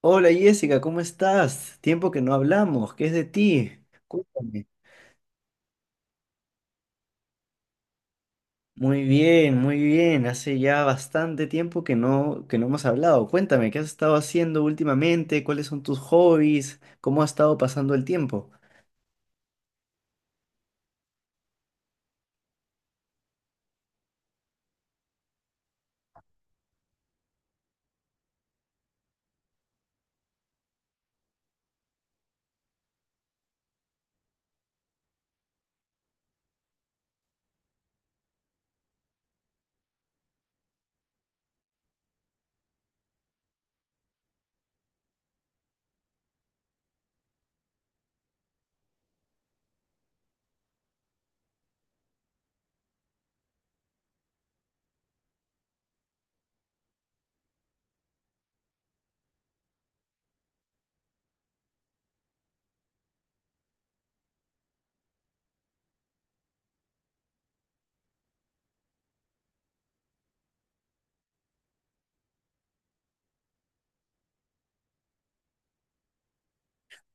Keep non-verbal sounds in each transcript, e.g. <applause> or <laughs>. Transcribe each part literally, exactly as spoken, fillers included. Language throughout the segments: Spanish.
Hola Jessica, ¿cómo estás? Tiempo que no hablamos, ¿qué es de ti? Cuéntame. Muy bien, muy bien. Hace ya bastante tiempo que no, que no hemos hablado. Cuéntame, ¿qué has estado haciendo últimamente? ¿Cuáles son tus hobbies? ¿Cómo ha estado pasando el tiempo?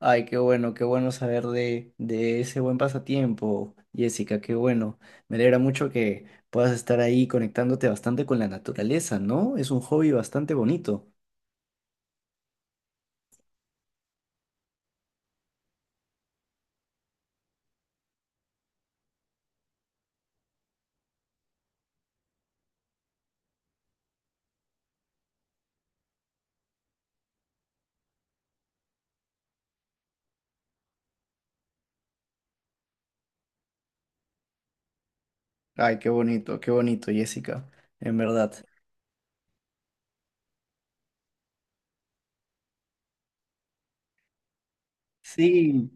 Ay, qué bueno, qué bueno saber de, de ese buen pasatiempo, Jessica, qué bueno. Me alegra mucho que puedas estar ahí conectándote bastante con la naturaleza, ¿no? Es un hobby bastante bonito. Ay, qué bonito, qué bonito, Jessica, en verdad. Sí,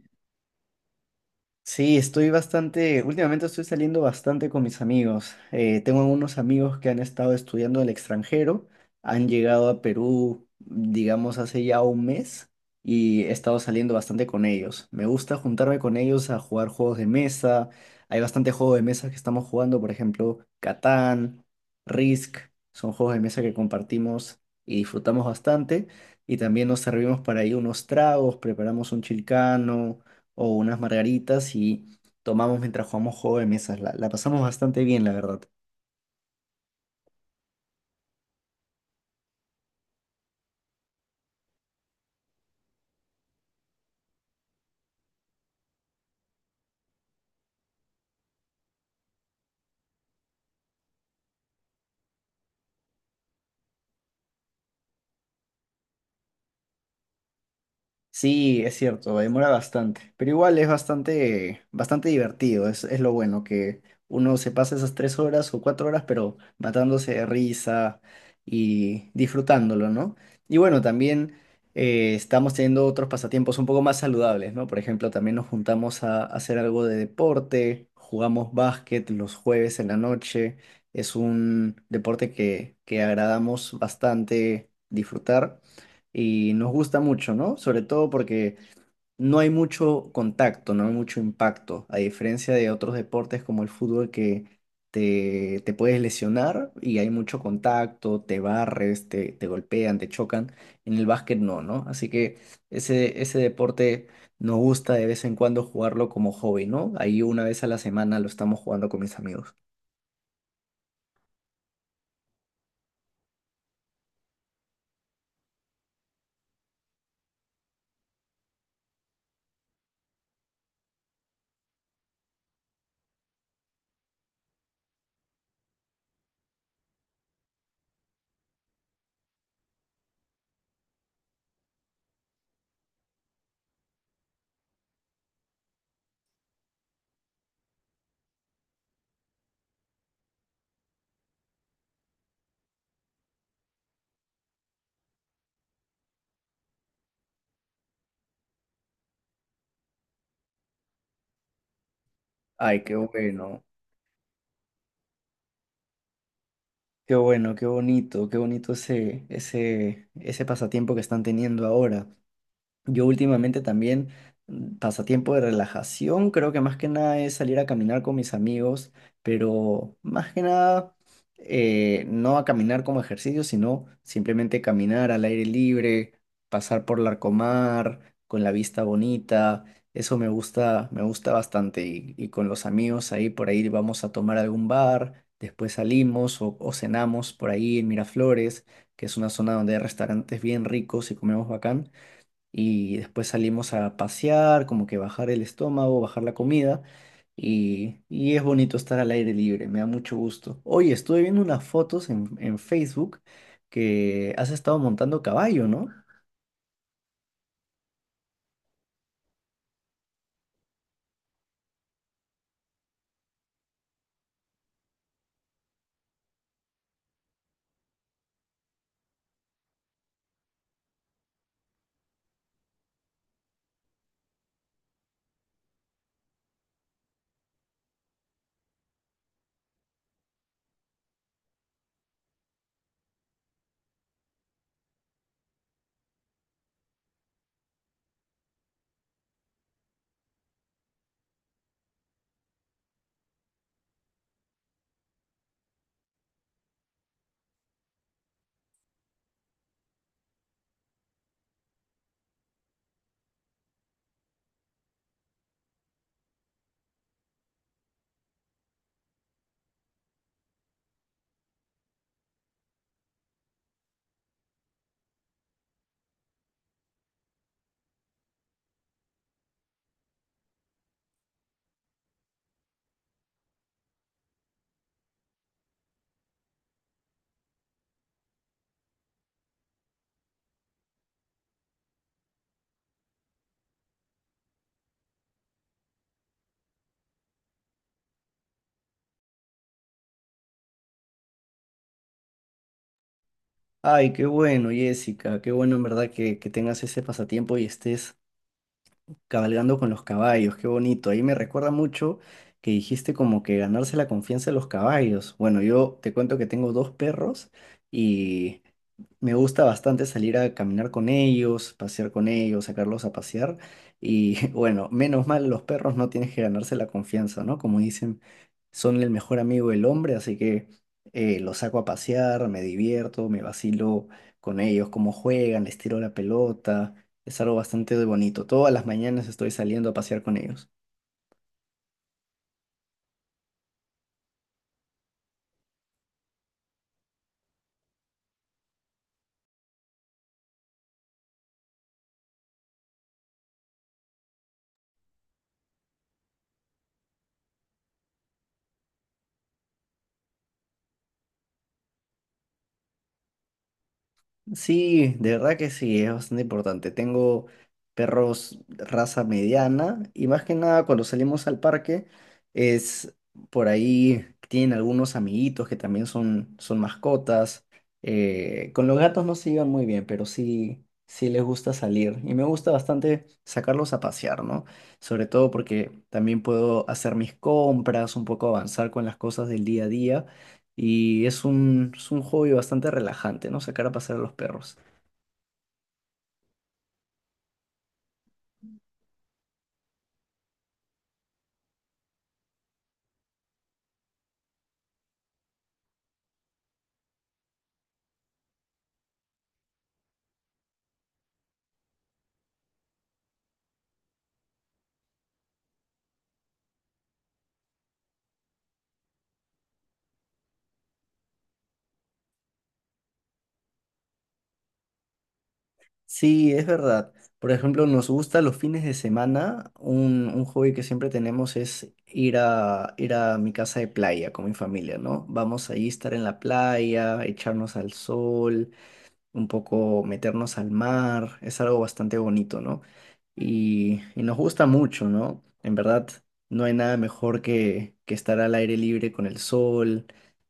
sí, estoy bastante, últimamente estoy saliendo bastante con mis amigos. Eh, tengo unos amigos que han estado estudiando en el extranjero, han llegado a Perú, digamos, hace ya un mes y he estado saliendo bastante con ellos. Me gusta juntarme con ellos a jugar juegos de mesa. Hay bastante juego de mesa que estamos jugando, por ejemplo, Catán, Risk, son juegos de mesa que compartimos y disfrutamos bastante. Y también nos servimos para ahí unos tragos, preparamos un chilcano o unas margaritas y tomamos mientras jugamos juego de mesas. La, la pasamos bastante bien, la verdad. Sí, es cierto, demora bastante, pero igual es bastante, bastante divertido, es, es lo bueno, que uno se pasa esas tres horas o cuatro horas, pero matándose de risa y disfrutándolo, ¿no? Y bueno, también eh, estamos teniendo otros pasatiempos un poco más saludables, ¿no? Por ejemplo, también nos juntamos a, a hacer algo de deporte, jugamos básquet los jueves en la noche, es un deporte que, que agradamos bastante disfrutar y nos gusta mucho, ¿no? Sobre todo porque no hay mucho contacto, no hay mucho impacto, a diferencia de otros deportes como el fútbol que te, te puedes lesionar y hay mucho contacto, te barres, te, te golpean, te chocan, en el básquet no, ¿no? Así que ese, ese deporte nos gusta de vez en cuando jugarlo como hobby, ¿no? Ahí una vez a la semana lo estamos jugando con mis amigos. Ay, qué bueno, qué bueno, qué bonito, qué bonito ese, ese, ese pasatiempo que están teniendo ahora. Yo últimamente también, mm, pasatiempo de relajación, creo que más que nada es salir a caminar con mis amigos, pero más que nada eh, no a caminar como ejercicio, sino simplemente caminar al aire libre, pasar por Larcomar, con la vista bonita, eso me gusta, me gusta bastante y, y con los amigos ahí por ahí vamos a tomar algún bar, después salimos o, o cenamos por ahí en Miraflores, que es una zona donde hay restaurantes bien ricos y comemos bacán y después salimos a pasear, como que bajar el estómago, bajar la comida y, y es bonito estar al aire libre, me da mucho gusto. Oye, estuve viendo unas fotos en, en Facebook que has estado montando caballo, ¿no? Ay, qué bueno, Jessica, qué bueno en verdad que, que tengas ese pasatiempo y estés cabalgando con los caballos, qué bonito. Ahí me recuerda mucho que dijiste como que ganarse la confianza de los caballos. Bueno, yo te cuento que tengo dos perros y me gusta bastante salir a caminar con ellos, pasear con ellos, sacarlos a pasear. Y <laughs> bueno, menos mal, los perros no tienes que ganarse la confianza, ¿no? Como dicen, son el mejor amigo del hombre, así que eh, los saco a pasear, me divierto, me vacilo con ellos, cómo juegan, les tiro la pelota. Es algo bastante bonito. Todas las mañanas estoy saliendo a pasear con ellos. Sí, de verdad que sí, es bastante importante. Tengo perros raza mediana y más que nada cuando salimos al parque es por ahí, tienen algunos amiguitos que también son, son mascotas. Eh, con los gatos no se llevan muy bien, pero sí, sí les gusta salir y me gusta bastante sacarlos a pasear, ¿no? Sobre todo porque también puedo hacer mis compras, un poco avanzar con las cosas del día a día. Y es un, es un hobby bastante relajante, ¿no? Sacar a pasear a los perros. Sí, es verdad. Por ejemplo, nos gusta los fines de semana. Un, un hobby que siempre tenemos es ir a, ir a mi casa de playa con mi familia, ¿no? Vamos ahí a estar en la playa, echarnos al sol, un poco meternos al mar. Es algo bastante bonito, ¿no? Y, y nos gusta mucho, ¿no? En verdad, no hay nada mejor que, que estar al aire libre con el sol,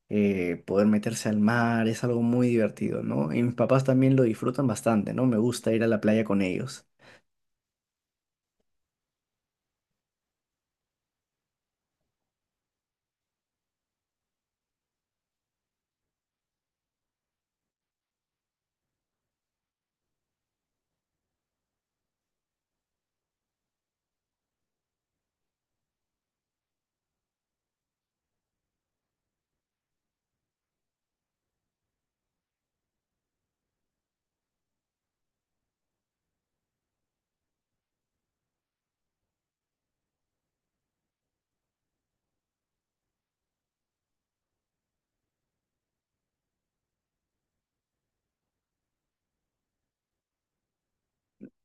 eh, poder meterse al mar, es algo muy divertido, ¿no? Y mis papás también lo disfrutan bastante, ¿no? Me gusta ir a la playa con ellos.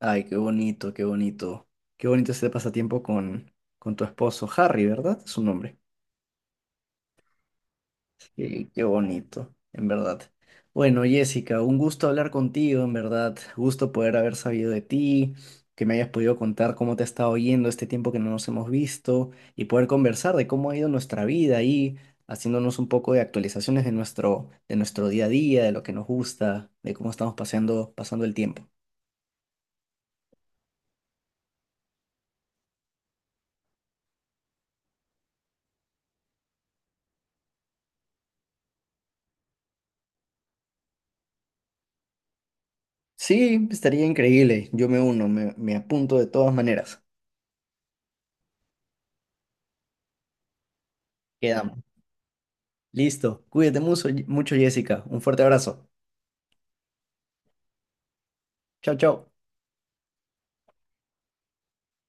Ay, qué bonito, qué bonito. Qué bonito este pasatiempo con, con tu esposo, Harry, ¿verdad? Es su nombre. Qué, qué bonito, en verdad. Bueno, Jessica, un gusto hablar contigo, en verdad. Gusto poder haber sabido de ti, que me hayas podido contar cómo te ha estado yendo este tiempo que no nos hemos visto y poder conversar de cómo ha ido nuestra vida y haciéndonos un poco de actualizaciones de nuestro, de nuestro día a día, de lo que nos gusta, de cómo estamos paseando, pasando el tiempo. Sí, estaría increíble. Yo me uno, me, me apunto de todas maneras. Quedamos. Listo. Cuídate mucho, mucho, Jessica. Un fuerte abrazo. Chao, chao.